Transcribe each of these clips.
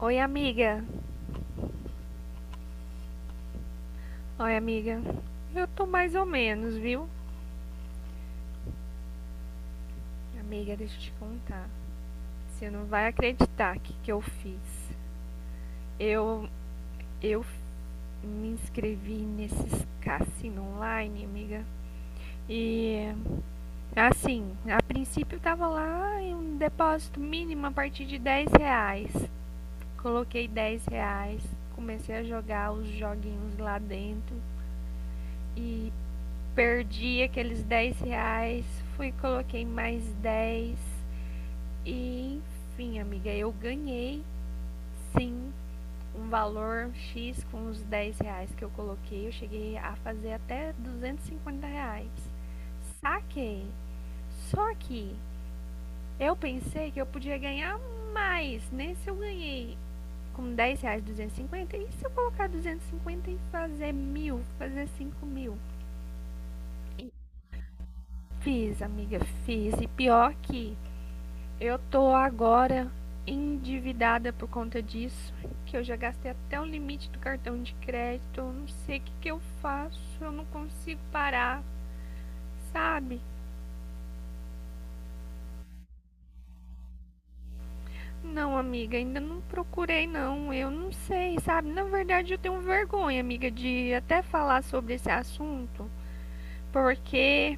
Oi, amiga. Oi, amiga. Eu tô mais ou menos, viu? Amiga, deixa eu te contar. Você não vai acreditar o que, que eu fiz. Eu, eu me inscrevi nesses cassino online, amiga. E assim, a princípio tava lá em um depósito mínimo a partir de R$ 10. Coloquei R$ 10, comecei a jogar os joguinhos lá dentro e perdi aqueles R$ 10. Fui, e coloquei mais dez. E enfim, amiga, eu ganhei sim um valor X com os R$ 10 que eu coloquei. Eu cheguei a fazer até R$ 250. Saquei. Só que eu pensei que eu podia ganhar mais. Nesse eu ganhei com R$ 10 250, e se eu colocar 250 e fazer mil, fazer 5.000? E fiz, amiga, fiz. E pior que eu tô agora endividada por conta disso, que eu já gastei até o limite do cartão de crédito. Eu não sei o que, que eu faço, eu não consigo parar, sabe? Não, amiga, ainda não procurei, não. Eu não sei, sabe? Na verdade, eu tenho vergonha, amiga, de até falar sobre esse assunto, porque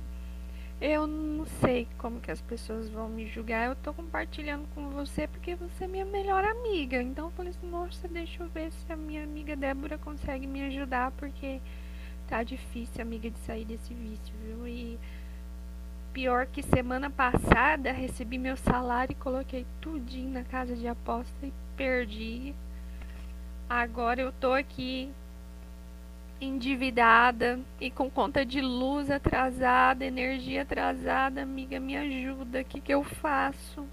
eu não sei como que as pessoas vão me julgar. Eu tô compartilhando com você porque você é minha melhor amiga. Então eu falei assim, nossa, deixa eu ver se a minha amiga Débora consegue me ajudar, porque tá difícil, amiga, de sair desse vício, viu? E pior que semana passada recebi meu salário e coloquei tudinho na casa de aposta e perdi. Agora eu tô aqui endividada e com conta de luz atrasada, energia atrasada, amiga, me ajuda, o que, que eu faço?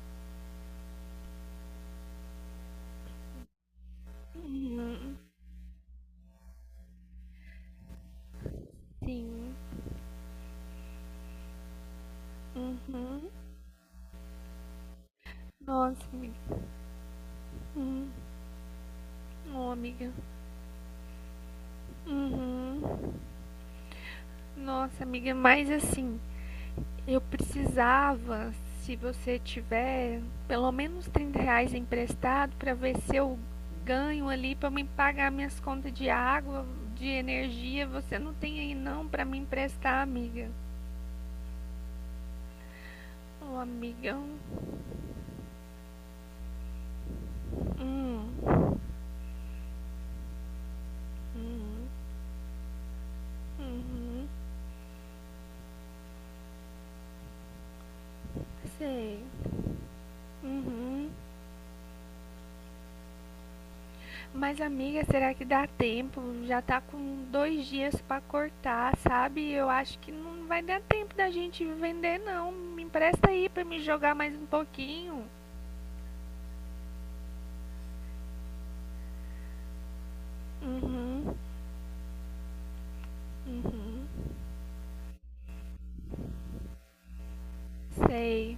Sim. Uhum. Nossa, amiga. Hum. Oh, amiga. Uhum. Nossa, amiga, mas assim, eu precisava, se você tiver, pelo menos R$ 30 emprestado para ver se eu ganho ali para me pagar minhas contas de água, de energia. Você não tem aí não para me emprestar, amiga. Ô, oh, amigão. Hum, uhum, uhum, sei. Uhum. Mas, amiga, será que dá tempo? Já tá com dois dias pra cortar, sabe? Eu acho que não vai dar tempo da gente vender, não. Me empresta aí pra me jogar mais um pouquinho. Uhum, uhum, sei.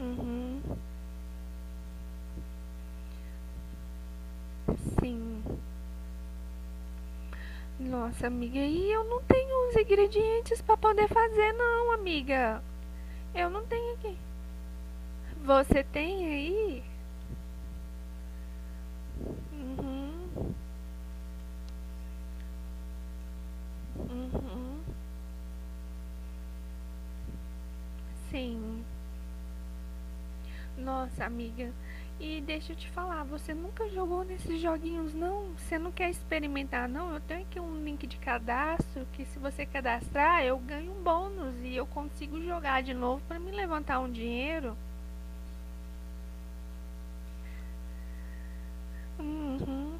Uhum, sim. Nossa, amiga, e eu não tenho os ingredientes pra poder fazer, não, amiga. Eu não tenho aqui. Você tem aí? Uhum. Uhum, sim. Nossa, amiga. E deixa eu te falar, você nunca jogou nesses joguinhos, não? Você não quer experimentar, não? Eu tenho aqui um link de cadastro que se você cadastrar, eu ganho um bônus e eu consigo jogar de novo pra me levantar um dinheiro. Uhum,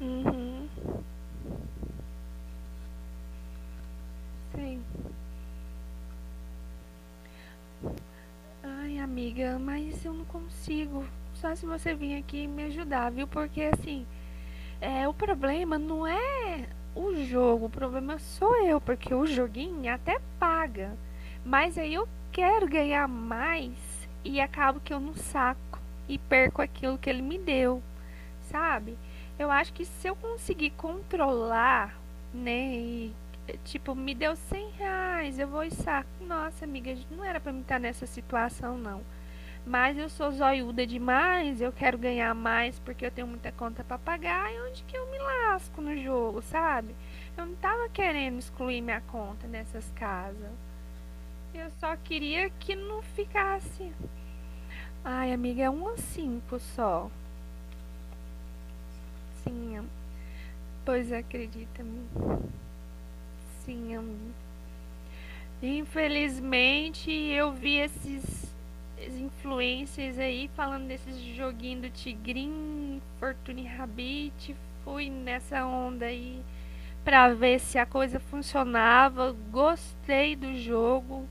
uhum, sim. Ai, amiga, mas eu não consigo. Só se você vir aqui me ajudar, viu? Porque assim, o problema não é o jogo, o problema sou eu, porque o joguinho é até paga. Mas aí eu quero ganhar mais e acabo que eu não saco e perco aquilo que ele me deu, sabe? Eu acho que se eu conseguir controlar, né, e tipo, me deu R$ 100, eu vou e saco. Nossa, amiga, não era pra mim estar nessa situação, não. Mas eu sou zoiuda demais, eu quero ganhar mais porque eu tenho muita conta para pagar e onde que eu me lasco no jogo, sabe? Eu não tava querendo excluir minha conta nessas casas. Eu só queria que não ficasse. Ai, amiga, é 1 a 5 só. Sim, pois acredita-me. Sim, amiga. Infelizmente, eu vi esses influencers aí falando desses joguinho do Tigrinho, Fortune Rabbit, fui nessa onda aí pra ver se a coisa funcionava. Gostei do jogo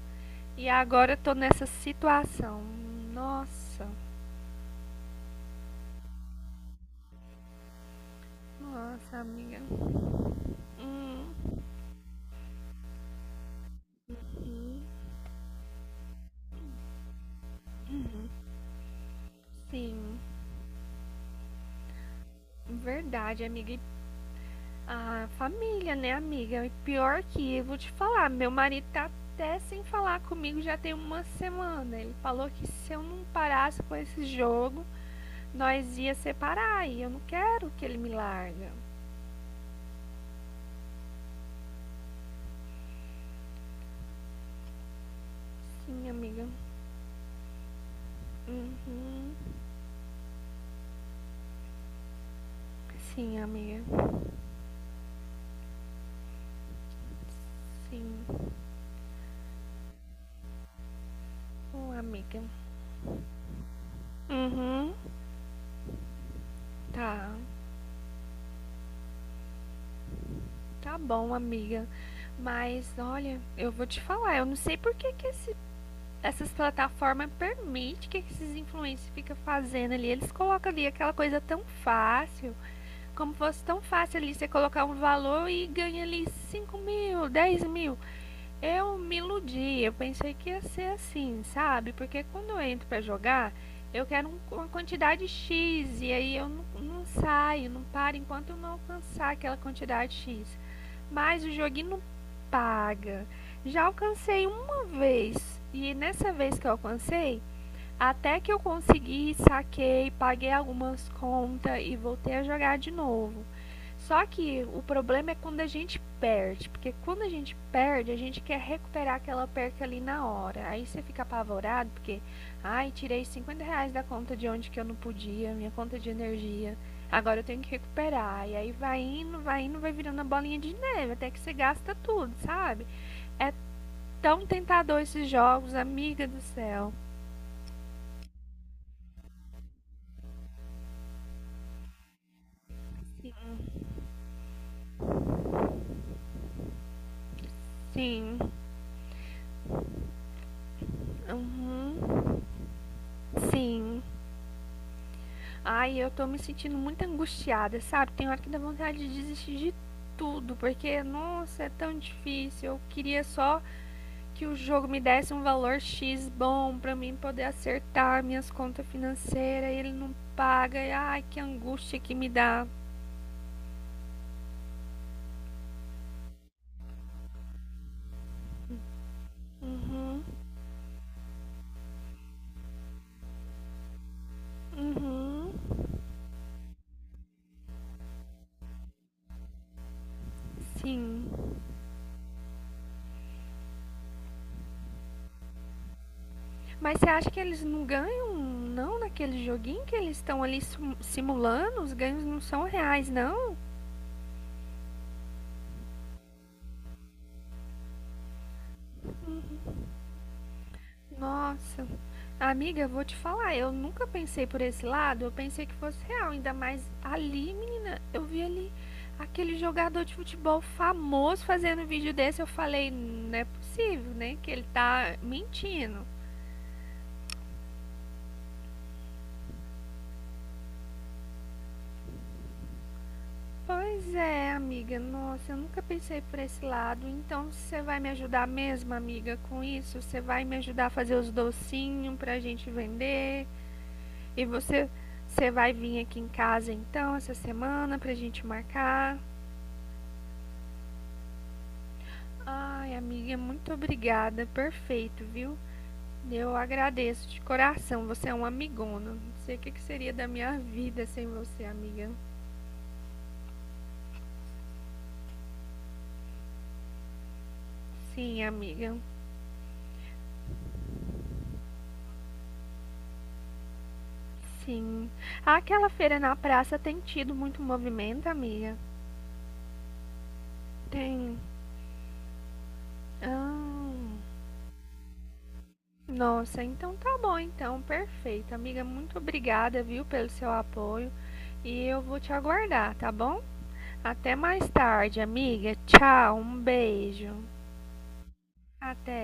e agora eu tô nessa situação. Nossa, nossa, amiga. Hum, hum, sim, verdade, amiga. E ah, família, né, amiga? E pior que, eu vou te falar, meu marido tá até sem falar comigo já tem uma semana. Ele falou que se eu não parasse com esse jogo, nós ia separar. E eu não quero que ele me larga. Sim, amiga. Uhum. Sim, amiga. Sim. Ô, amiga. Uhum. Tá. Tá bom, amiga. Mas olha, eu vou te falar, eu não sei por que que esse essas plataformas permitem que esses influencers fiquem fazendo ali. Eles colocam ali aquela coisa tão fácil, como fosse tão fácil ali você colocar um valor e ganha ali 5.000, 10.000. Eu me iludi, eu pensei que ia ser assim, sabe? Porque quando eu entro para jogar, eu quero uma quantidade X e aí eu não saio, não paro enquanto eu não alcançar aquela quantidade X. Mas o joguinho não paga. Já alcancei uma vez. E nessa vez que eu alcancei, até que eu consegui, saquei, paguei algumas contas e voltei a jogar de novo. Só que o problema é quando a gente perde, porque quando a gente perde, a gente quer recuperar aquela perca ali na hora. Aí você fica apavorado, porque, ai, tirei R$ 50 da conta de onde que eu não podia, minha conta de energia, agora eu tenho que recuperar. E aí vai indo, vai indo, vai virando a bolinha de neve, até que você gasta tudo, sabe? É tão tentador esses jogos, amiga do céu. Sim, uhum, sim, ai, eu tô me sentindo muito angustiada, sabe? Tem hora que dá vontade de desistir de tudo, porque, nossa, é tão difícil. Eu queria só que o jogo me desse um valor X bom pra mim poder acertar minhas contas financeiras e ele não paga. E, ai, que angústia que me dá. Uhum, uhum, sim. Mas você acha que eles não ganham, não, naquele joguinho que eles estão ali simulando? Os ganhos não são reais, não? Nossa. Amiga, eu vou te falar, eu nunca pensei por esse lado, eu pensei que fosse real, ainda mais ali, menina, eu vi ali aquele jogador de futebol famoso fazendo vídeo desse, eu falei, não é possível, né, que ele tá mentindo. Pois é, amiga, nossa, eu nunca pensei por esse lado, então você vai me ajudar mesmo, amiga, com isso? Você vai me ajudar a fazer os docinhos pra gente vender? E você vai vir aqui em casa então essa semana pra gente marcar? Ai, amiga, muito obrigada. Perfeito, viu? Eu agradeço de coração. Você é um amigona. Não sei o que que seria da minha vida sem você, amiga. Sim, amiga. Sim. Aquela feira na praça tem tido muito movimento, amiga? Tem. Ah, nossa, então tá bom, então. Perfeito. Amiga, muito obrigada, viu, pelo seu apoio. E eu vou te aguardar, tá bom? Até mais tarde, amiga. Tchau, um beijo. Até.